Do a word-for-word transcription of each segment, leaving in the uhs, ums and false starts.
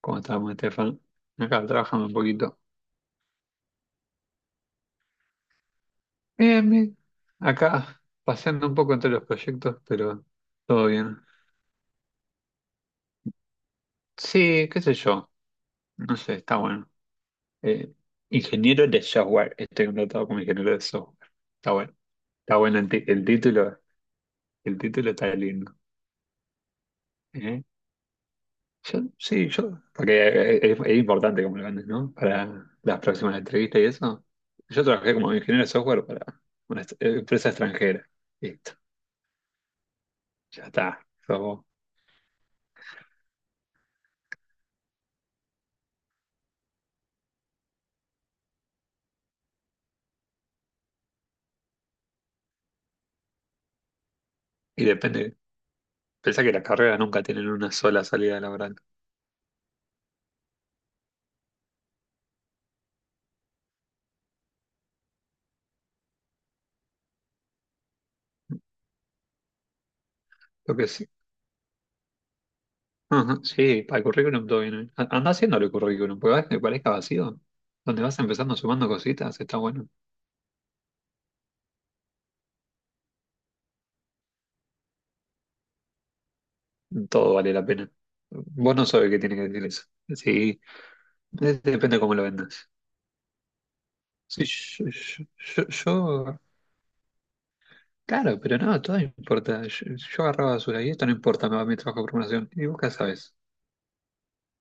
¿Cómo estamos, Estefan? Acá trabajando un poquito. Bien, bien. Acá paseando un poco entre los proyectos, pero todo bien. Sí, qué sé yo. No sé, está bueno. Eh, ingeniero de software. Estoy contratado como ingeniero de software. Está bueno. Está bueno el, ti- el título. El título está lindo. ¿Eh? Yo- sí, yo. Porque eh, es, es importante como lo vendes, ¿no? Para las próximas entrevistas y eso. Yo trabajé como ingeniero de software para una est- eh, empresa extranjera. Listo. Ya está. Sos vos. Y depende, pensá que las carreras nunca tienen una sola salida laboral. Lo que sí. Ajá, sí, para el currículum todo bien. Anda Andá haciéndolo el currículum, porque vas que parezca vacío. Donde vas empezando sumando cositas, está bueno. Todo vale la pena. Vos no sabés qué tiene que decir eso. Sí, es- depende cómo lo vendas. Sí, yo, yo- yo- yo- claro, pero no, todo importa. Yo, yo agarraba basura y esto no importa, me va mi trabajo de formación. ¿Y vos qué sabés?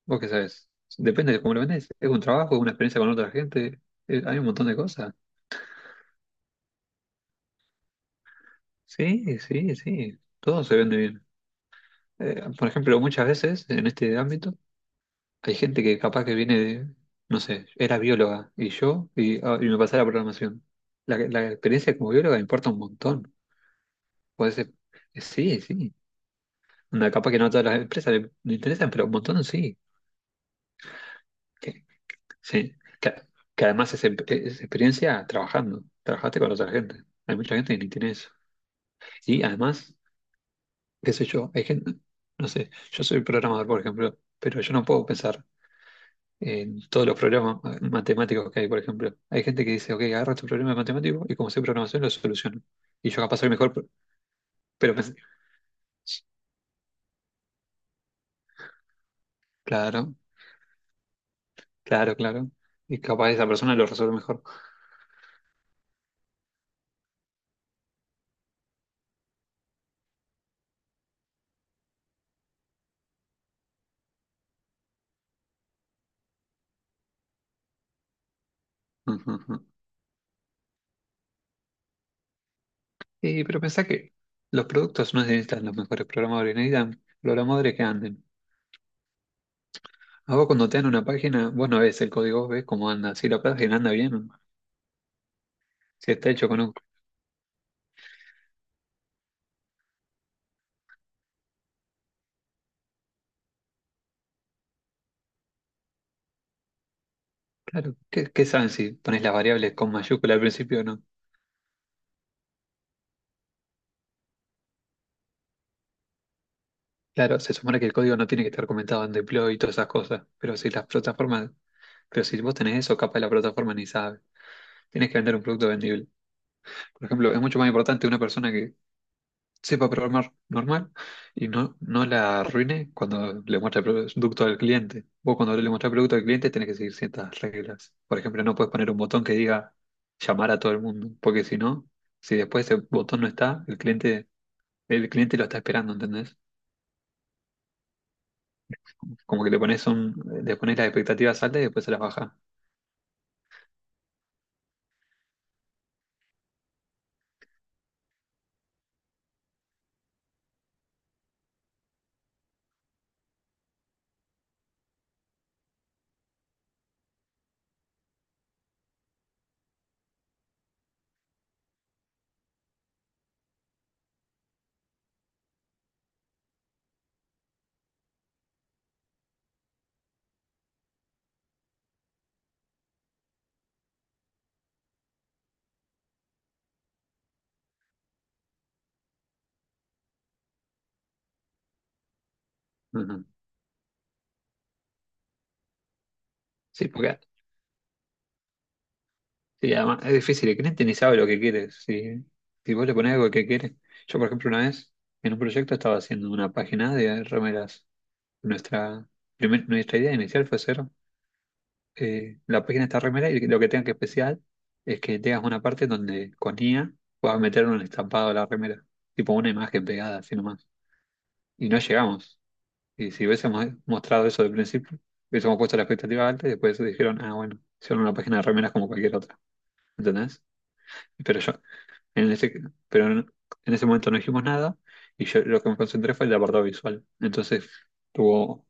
¿Vos qué sabés? Depende de cómo lo vendés. Es un trabajo, es una experiencia con otra gente. eh, Hay un montón de cosas. Sí, sí, sí, todo se vende bien. Eh, por ejemplo, muchas veces en este ámbito hay gente que capaz que viene de, no sé, era bióloga y yo, y, ah, y me pasé a la programación. La, la experiencia como bióloga importa un montón. Puede ser, eh, sí, sí. Una capaz que no a todas las empresas le, le interesan, pero un montón sí. Que, sí. Que, que además es, em- es experiencia trabajando, trabajaste con otra gente. Hay mucha gente que ni tiene eso. Y además, qué sé yo, hay gente, no sé, yo soy programador, por ejemplo, pero yo no puedo pensar en todos los problemas ma- matemáticos que hay, por ejemplo. Hay gente que dice, ok, agarra tu problema matemático y como sé programación lo soluciono. Y yo capaz soy mejor, pero pero pensé, claro, claro, claro. Y capaz esa persona lo resuelve mejor. Ujú, ujú. Y pero pensá que los productos no necesitan los mejores programadores, necesitan programadores que anden. A vos cuando te dan una página, vos no ves el código, vos ves cómo anda. Si la página anda bien, si está hecho con un. Claro, ¿qué, qué saben si pones las variables con mayúscula al principio o no? Claro, se supone que el código no tiene que estar comentado en deploy y todas esas cosas, pero si las plataformas, pero si vos tenés eso, capaz la plataforma ni sabe. Tienes que vender un producto vendible. Por ejemplo, es mucho más importante una persona que sepa programar normal y no, no la arruine cuando le muestra el producto al cliente. Vos cuando le muestras el producto al cliente tenés que seguir ciertas reglas. Por ejemplo, no puedes poner un botón que diga llamar a todo el mundo, porque si no, si después ese botón no está, el cliente. El cliente lo está esperando, ¿entendés? Como que le pones un, le pones las expectativas altas y después se las baja. Ujú. Sí, porque sí, además es difícil, el cliente ni sabe lo que quiere. Si, si vos le pones algo que quiere. Yo, por ejemplo, una vez en un proyecto estaba haciendo una página de remeras. Nuestra, primer- Nuestra idea inicial fue hacer eh, la página de esta remera y lo que tenga que especial es que tengas una parte donde con I A puedas meter un estampado a la remera, tipo una imagen pegada, así nomás. Y no llegamos. Y si hubiésemos mostrado eso de principio, hubiésemos puesto la expectativa alta y después dijeron, ah, bueno, hicieron una página de remeras como cualquier otra, ¿entendés? Pero yo, en ese, pero en, en ese momento no dijimos nada y yo lo que me concentré fue el apartado visual. Entonces, tuvo,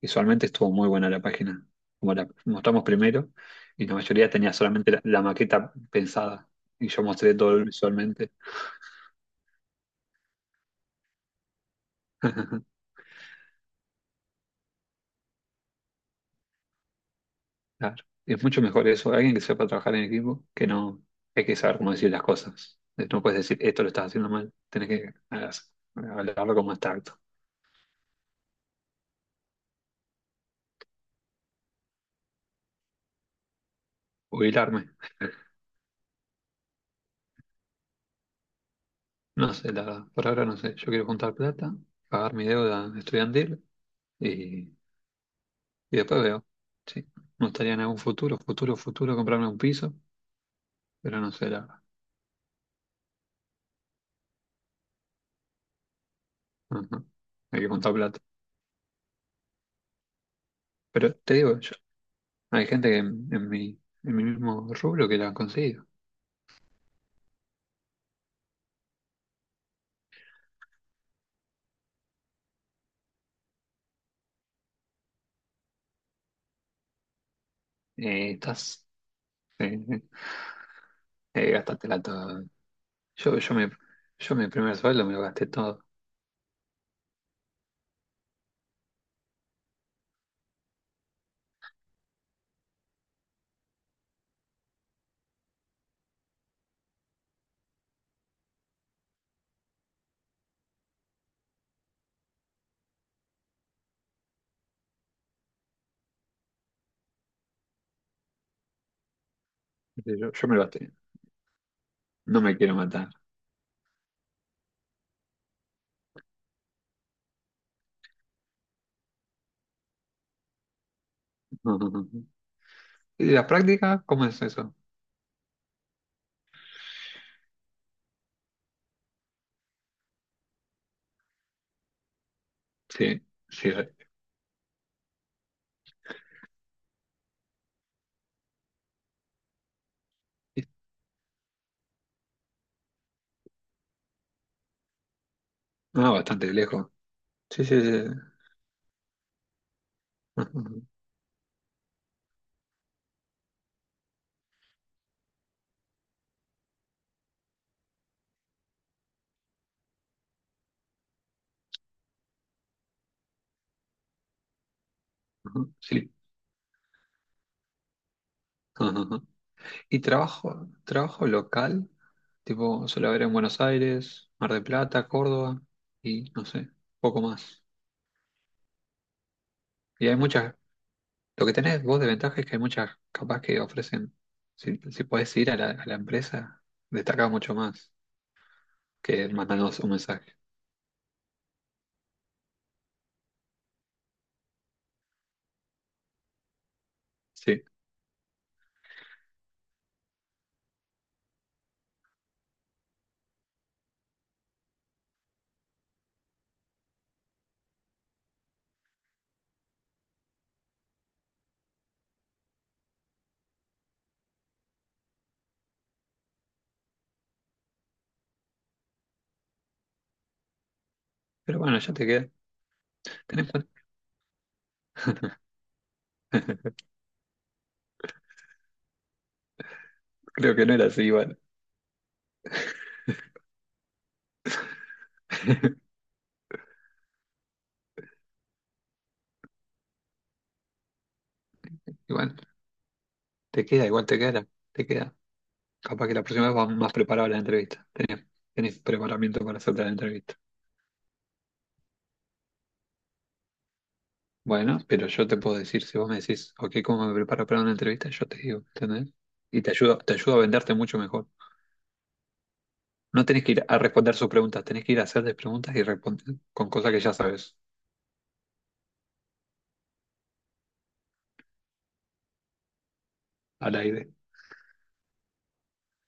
visualmente estuvo muy buena la página, como la mostramos primero y la mayoría tenía solamente la, la maqueta pensada y yo mostré todo visualmente. Claro. Es mucho mejor eso, alguien que sepa trabajar en equipo, que no, hay que saber cómo decir las cosas. Eh, No puedes decir, esto lo estás haciendo mal, tenés que hagas- hablarlo con más tacto. Jubilarme. No sé, la verdad, por ahora no sé. Yo quiero juntar plata, pagar mi deuda estudiantil y, y después veo. Sí, me gustaría en algún futuro, futuro, futuro comprarme un piso, pero no sé, la verdad. No, no. Hay que juntar plata. Pero te digo, yo- hay gente que en, en mi, en mi mismo rubro que la han conseguido. Eh, estás. eh, Eh, gastatela toda. Yo, yo me, yo mi primer sueldo me lo gasté todo. Yo, yo me lo gasté. No me quiero matar. No, no, no. ¿Y la práctica? ¿Cómo es eso? Sí, sí. Sí. Ah, bastante lejos. Sí, sí, sí. Ujú, ujú, sí. Ujú, ujú. ¿Y trabajo, trabajo local? Tipo, suele haber en Buenos Aires, Mar del Plata, Córdoba y no sé, poco más. Y hay muchas, lo que tenés vos de ventaja es que hay muchas capaz que ofrecen, si, si podés ir a la, a la empresa, destaca mucho más que mandarnos un mensaje. Sí, pero bueno, ya te queda. Creo que no era así igual. Igual, te queda, igual te queda, la- te queda. Capaz que la próxima vez vas más preparado a la entrevista. Tenés, tenés preparamiento para hacer la entrevista. Bueno, pero yo te puedo decir, si vos me decís, ok, ¿cómo me preparo para una entrevista? Yo te digo, ¿entendés? Y te ayudo, te ayudo a venderte mucho mejor. No tenés que ir a responder sus preguntas, tenés que ir a hacerles preguntas y responder con cosas que ya sabes al aire.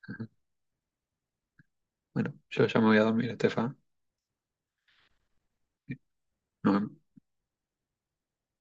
Ajá. Bueno, yo ya me voy a dormir, Estefa. Nos vemos.